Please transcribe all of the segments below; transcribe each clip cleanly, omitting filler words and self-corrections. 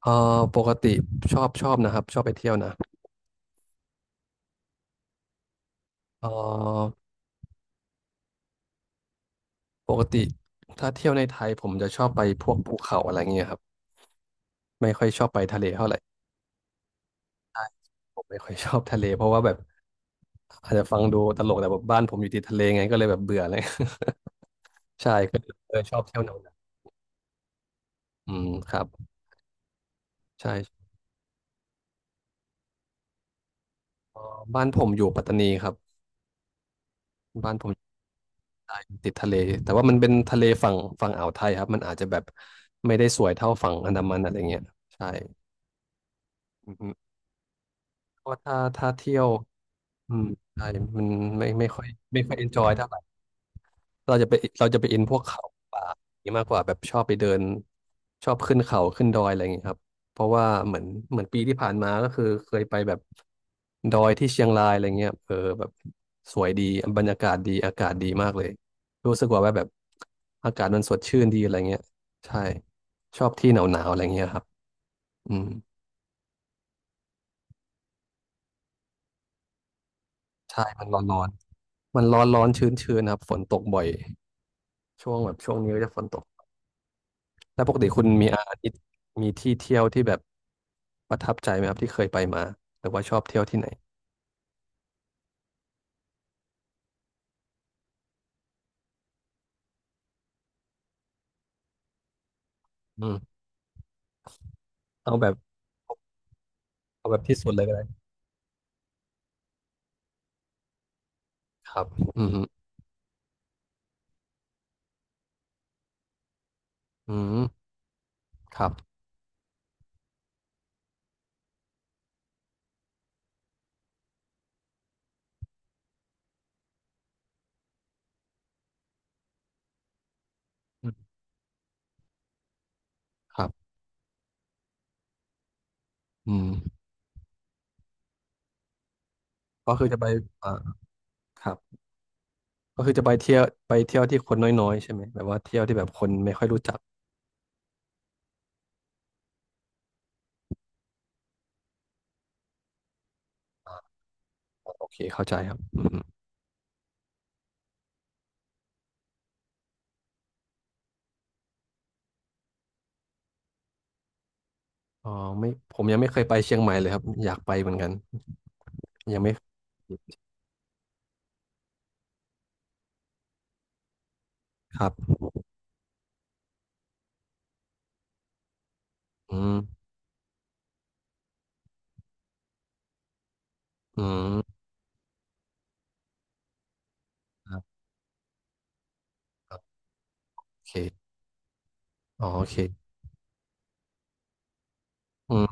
เออปกติชอบนะครับชอบไปเที่ยวนะเออปกติถ้าเที่ยวในไทยผมจะชอบไปพวกภูเขาอะไรเงี้ยครับไม่ค่อยชอบไปทะเลเท่าไหร่ผมไม่ค่อยชอบทะเลเพราะว่าแบบอาจจะฟังดูตลกแต่แบบบ้านผมอยู่ติดทะเลไงก็เลยแบบเบื่อเลย ใช่ก็เลยชอบเที่ยวแนวนั้นอืมครับใช่เออบ้านผมอยู่ปัตตานีครับบ้านผมอยู่ใต้ติดทะเลแต่ว่ามันเป็นทะเลฝั่งอ่าวไทยครับมันอาจจะแบบไม่ได้สวยเท่าฝั่งอันดามันอะไรเงี้ยใช่อืม เพราะถ้าเที่ยวอืมใช่มันไม่ค่อยไม่ค่อยเอนจอยเท่าไหร่เราจะไปอินพวกเขาป่าอย่างนี้มากกว่าแบบชอบไปเดินชอบขึ้นเขาขึ้นดอยอะไรอย่างนี้ครับเพราะว่าเหมือนปีที่ผ่านมาก็คือเคยไปแบบดอยที่เชียงรายอะไรเงี้ยแบบสวยดีบรรยากาศดีอากาศดีมากเลยรู้สึกว่าแบบอากาศมันสดชื่นดีอะไรเงี้ยใช่ชอบที่หนาวๆอะไรเงี้ยครับอืมใช่มันร้อนมันร้อนๆชื้นๆครับฝนตกบ่อย ช่วงแบบช่วงนี้ก็จะฝนตกแล้วปกติคุณมีอาทิตย์มีที่เที่ยวที่แบบประทับใจไหมครับที่เคยไปมาหรือว่าชอบเที่ยวที่ไหนอืมเอาแบบเอาแบบที่สุดเลยก็ได้ครับอืมฮึอืมครับอืมครับอืมก็คือจะไปอ่าครับก็คือจะไปเที่ยวไปเที่ยวที่คนน้อยๆใช่ไหมแบบว่าเที่ยวที่แบบคนไม่ค่อยรู้จักโอเคเข้าใจครับอืมอ๋อไม่ผมยังไม่เคยไปเชียงใหม่เลยครับอยากไปเหมือนกันยังไม่ครับอืมอืมครับโอเคอ๋อโอเคอืม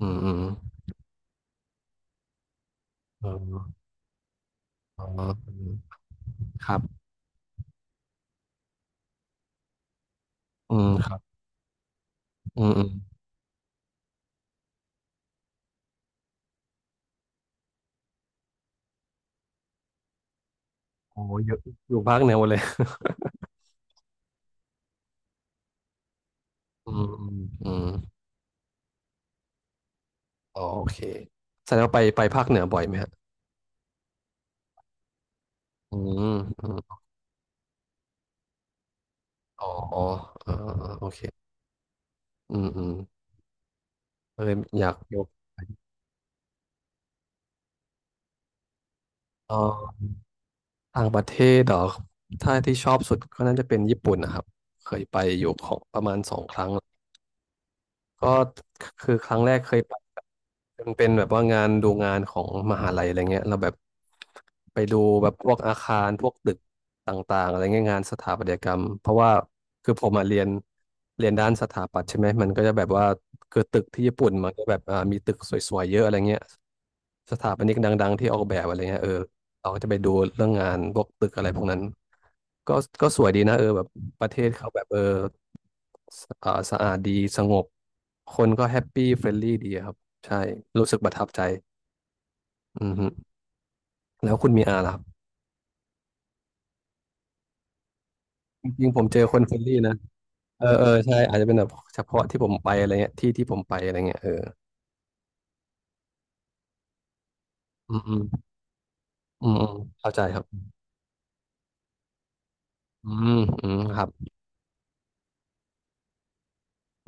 อืมอืมเอออ๋ออืมครับอืมครับอืมอืมโอ้เยอะอยู่ภาคเหนือหมดเลยอืมอืมอืมอ๋อโอเคแสดงว่าไปไปภาคเหนือบ่อยไหมฮะอืมอืมอ๋ออ๋อออโอเคอืมอืมเลยอยากยกเออต่างประเทศเหรอถ้าที่ชอบสุดก็น่าจะเป็นญี่ปุ่นนะครับเคยไปอยู่ของประมาณสองครั้ง ก็คือครั้งแรกเคยไปมันเป็นแบบว่างานดูงานของมหาลัยอะไรเงี้ยเราแลบบไปดูแบบพวกอาคารพวกตึกต่างๆอะไรเงี้ยงานสถาปัตยกรรมเพราะว่าคือผมมาเรียนด้านสถาปัตย์ใช่ไหมมันก็จะแบบว่าคือตึกที่ญี่ปุ่นมันก็แบบอ่ามีตึกสวยๆเยอะอะไรเงี้ยสถาปนิกดังๆที่ออกแบบอะไรเงี้ยเราก็จะไปดูเรื่องงานพวกตึกอะไรพวกนั้นก็ก็สวยดีนะแบบ ประเทศเขาแบบเออสสะอาดดีสงบคนก็แฮปปี้เฟรนลี่ดีอะครับใช่รู้สึกประทับใจอือฮึแล้วคุณมีอาล่ะครับจริงๆผมเจอคนเฟรนลี่นะเออเออใช่อาจจะเป็นแบบเฉพาะที่ผมไปอะไรเงี้ยที่ที่ผมไปอะไรเงี้ยเอออืมอืมอืมอืมเข้าใจครับอืมอืมครับ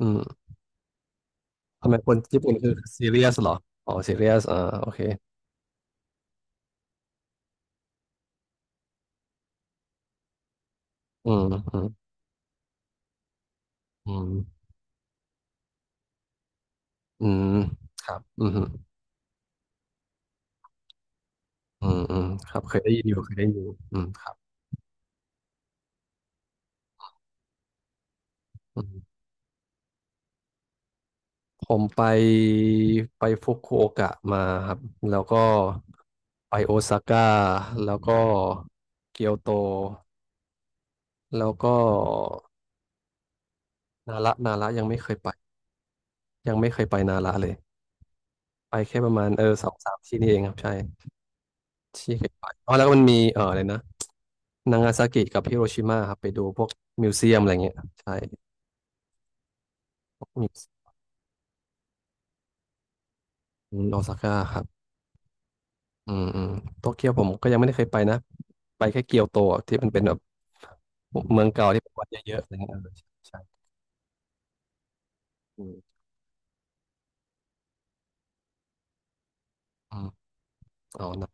อืมทำไมคนญี่ปุ่นคือซีเรียสหรออ๋อซีเรียสอ่าโอเคอืมอืมอืมอืมครับอืมฮึอืมอืมครับเคยได้ยินอยู่เคยได้ยินอยู่อืมครับ ผมไปไปฟุกุโอกะมาครับแล้วก็ไปโอซาก้าแล้วก็เกียวโตแล้วก็นาระยังไม่เคยไปยังไม่เคยไปนาระเลยไปแค่ประมาณสองสามที่นี่เองครับใช่ที่เคยไปอ๋อแล้วก็มันมีอะไรนะนางาซากิกับฮิโรชิมาครับไปดูพวกมิวเซียมอะไรเงี้ยใช่พวกมิวเซียมโอซาก้าครับอืมอืมโตเกียวผมก็ยังไม่ได้เคยไปนะ ไปแค่เกียวโตอะที่มันเป็นแบบเมืองเก่าที่เป็นวัดเยอะๆอะไรเงี้ยใช่อืมอืมอ๋อนา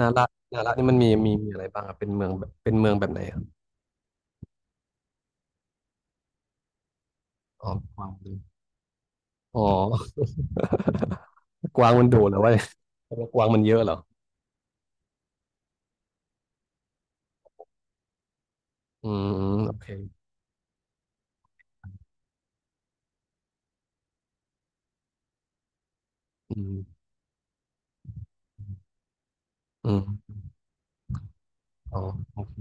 นาระนาระนี่มันมีอะไรบ้างอะเป็นเมืองแบบเป็นเมืองแบบไหนอะอ๋อกวางดูอ๋อ กวางมันดุเหรอวะแล้วกวางมันเยอะเหรออืมอืมโอเคอืมอืมอ๋อโอเค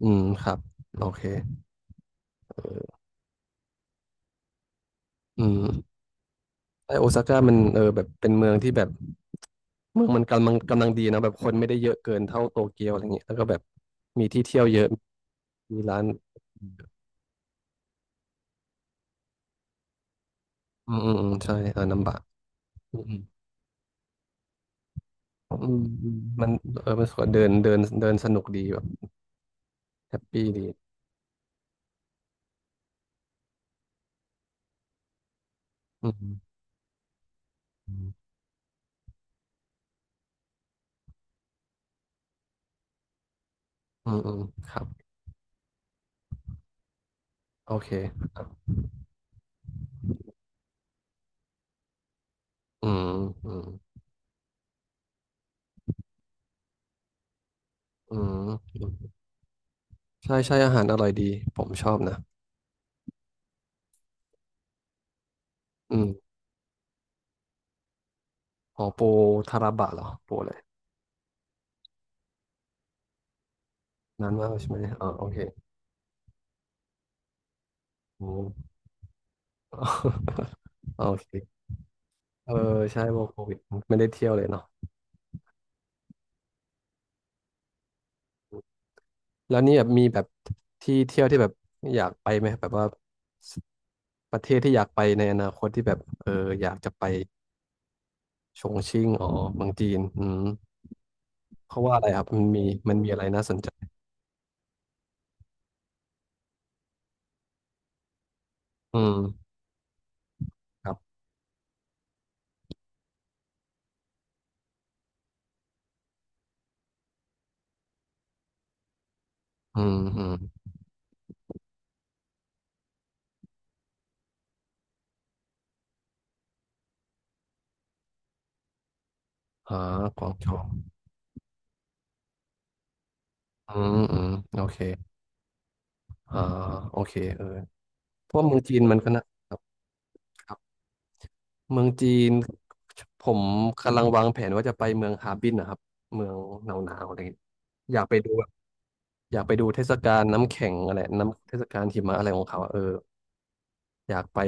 อืมครับโอเคอืมไอโอซาก้ามันแบบเป็นเมืองที่แบบ เมืองมันกำลังดีนะแบบคนไม่ได้เยอะเกินเท่าโตเกียวอะไรเงี้ยแล้วก็แบบมีที่เที่ยวเยอะมีร้านอืมอืมอืมใช่ร้านน้ำบะอืมอืมอืมอืมมันมันสวยเดินเดินเดินสนุกดีแบบแฮปปี้ดีอืมอืมอืมอืมครับโอเคอืมอืมอืมอืมใช่ใช่อาหารอร่อยดีผมชอบนะอืมอ๋อโปทาราบะเหรอโปเลยนานมากใช่ไหมอ๋อโอเคโอ้ โอเค เออใช่วงโควิดไม่ได้เที่ยวเลยเนาะแล้วนี่แบบมีแบบที่เที่ยวที่แบบอยากไปไหมแบบว่าสประเทศที่อยากไปในอนาคตที่แบบอยากจะไปชงชิ่งอ๋อเมืองจีนอืมเพราะว่าอะไรครับมันมีอะไรน่าสนใจอืมครับอืมอืมอ่ากวางโจวอืมอืมโอเคอ่าโอเคเออเพราะว่าเมืองจีนมันก็นะครับ เมืองจีนผมกำลังวางแผนว่าจะไปเมืองฮาร์บินนะครับเมืองหนาวๆอะไรอย่างเงี้ยอยากไปดูแบบอยากไปดูเทศกาลน้ำแข็งอะไรเทศกาลหิมะอะไรของเขาอะเอออยากไป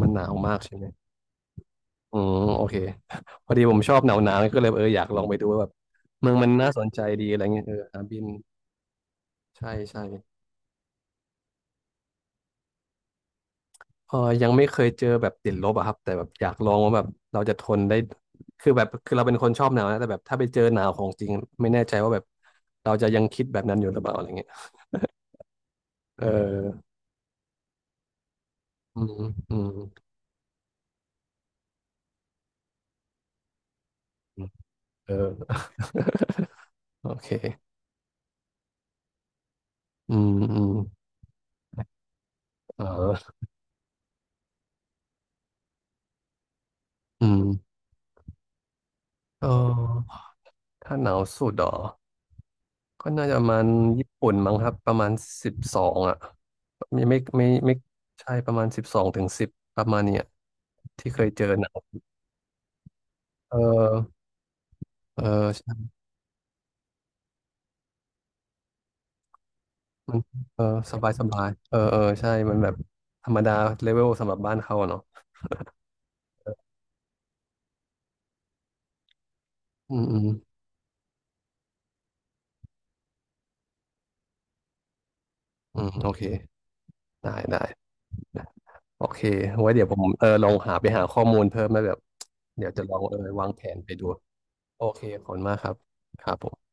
มันหนาวมากใช่ไหมอืมโอเค พอดีผมชอบหนาวๆก็เลยเอออยากลองไปดูว่าแบบเมืองมันน่าสนใจดีอะไรเงี้ยเออฮาร์บินใช่ใช่ เออยังไม่เคยเจอแบบติดลบอะครับ แต่แบบอยากลองว่าแบบเราจะทนได้คือแบบคือเราเป็นคนชอบหนาวนะแต่แบบถ้าไปเจอหนาวของจริงไม่แน่ใจว่าแบบเราจะยังคิดแบบนั้นอยู่หรือเปล่าอะไรเงี้ยเอออืมอืมอืมเออ โอเคอืมอืมเอออืมเออถ้าหนาวสุดเหรอก็น่าจะประมาณญี่ปุ่นมั้งครับประมาณสิบสองอะไม่ไม่ไม่ไม่ใช่ประมาณ12 ถึง 10ประมาณเนี้ยที่เคยเจอหนาวเออ เออใช่มันเออสบายสบายเออเออใช่มันแบบธรรมดาเลเวลสำหรับบ้านเขาอะเนาะอืมอืมอืมโอเคได้ได้ได้โอเคไว้เดี๋ยวผมลองหาไปหาข้อมูลเพิ่มแล้วแบบเดี๋ยวจะลองเออวางแผนไปดูโอเคขอบคุณมากครับครับผม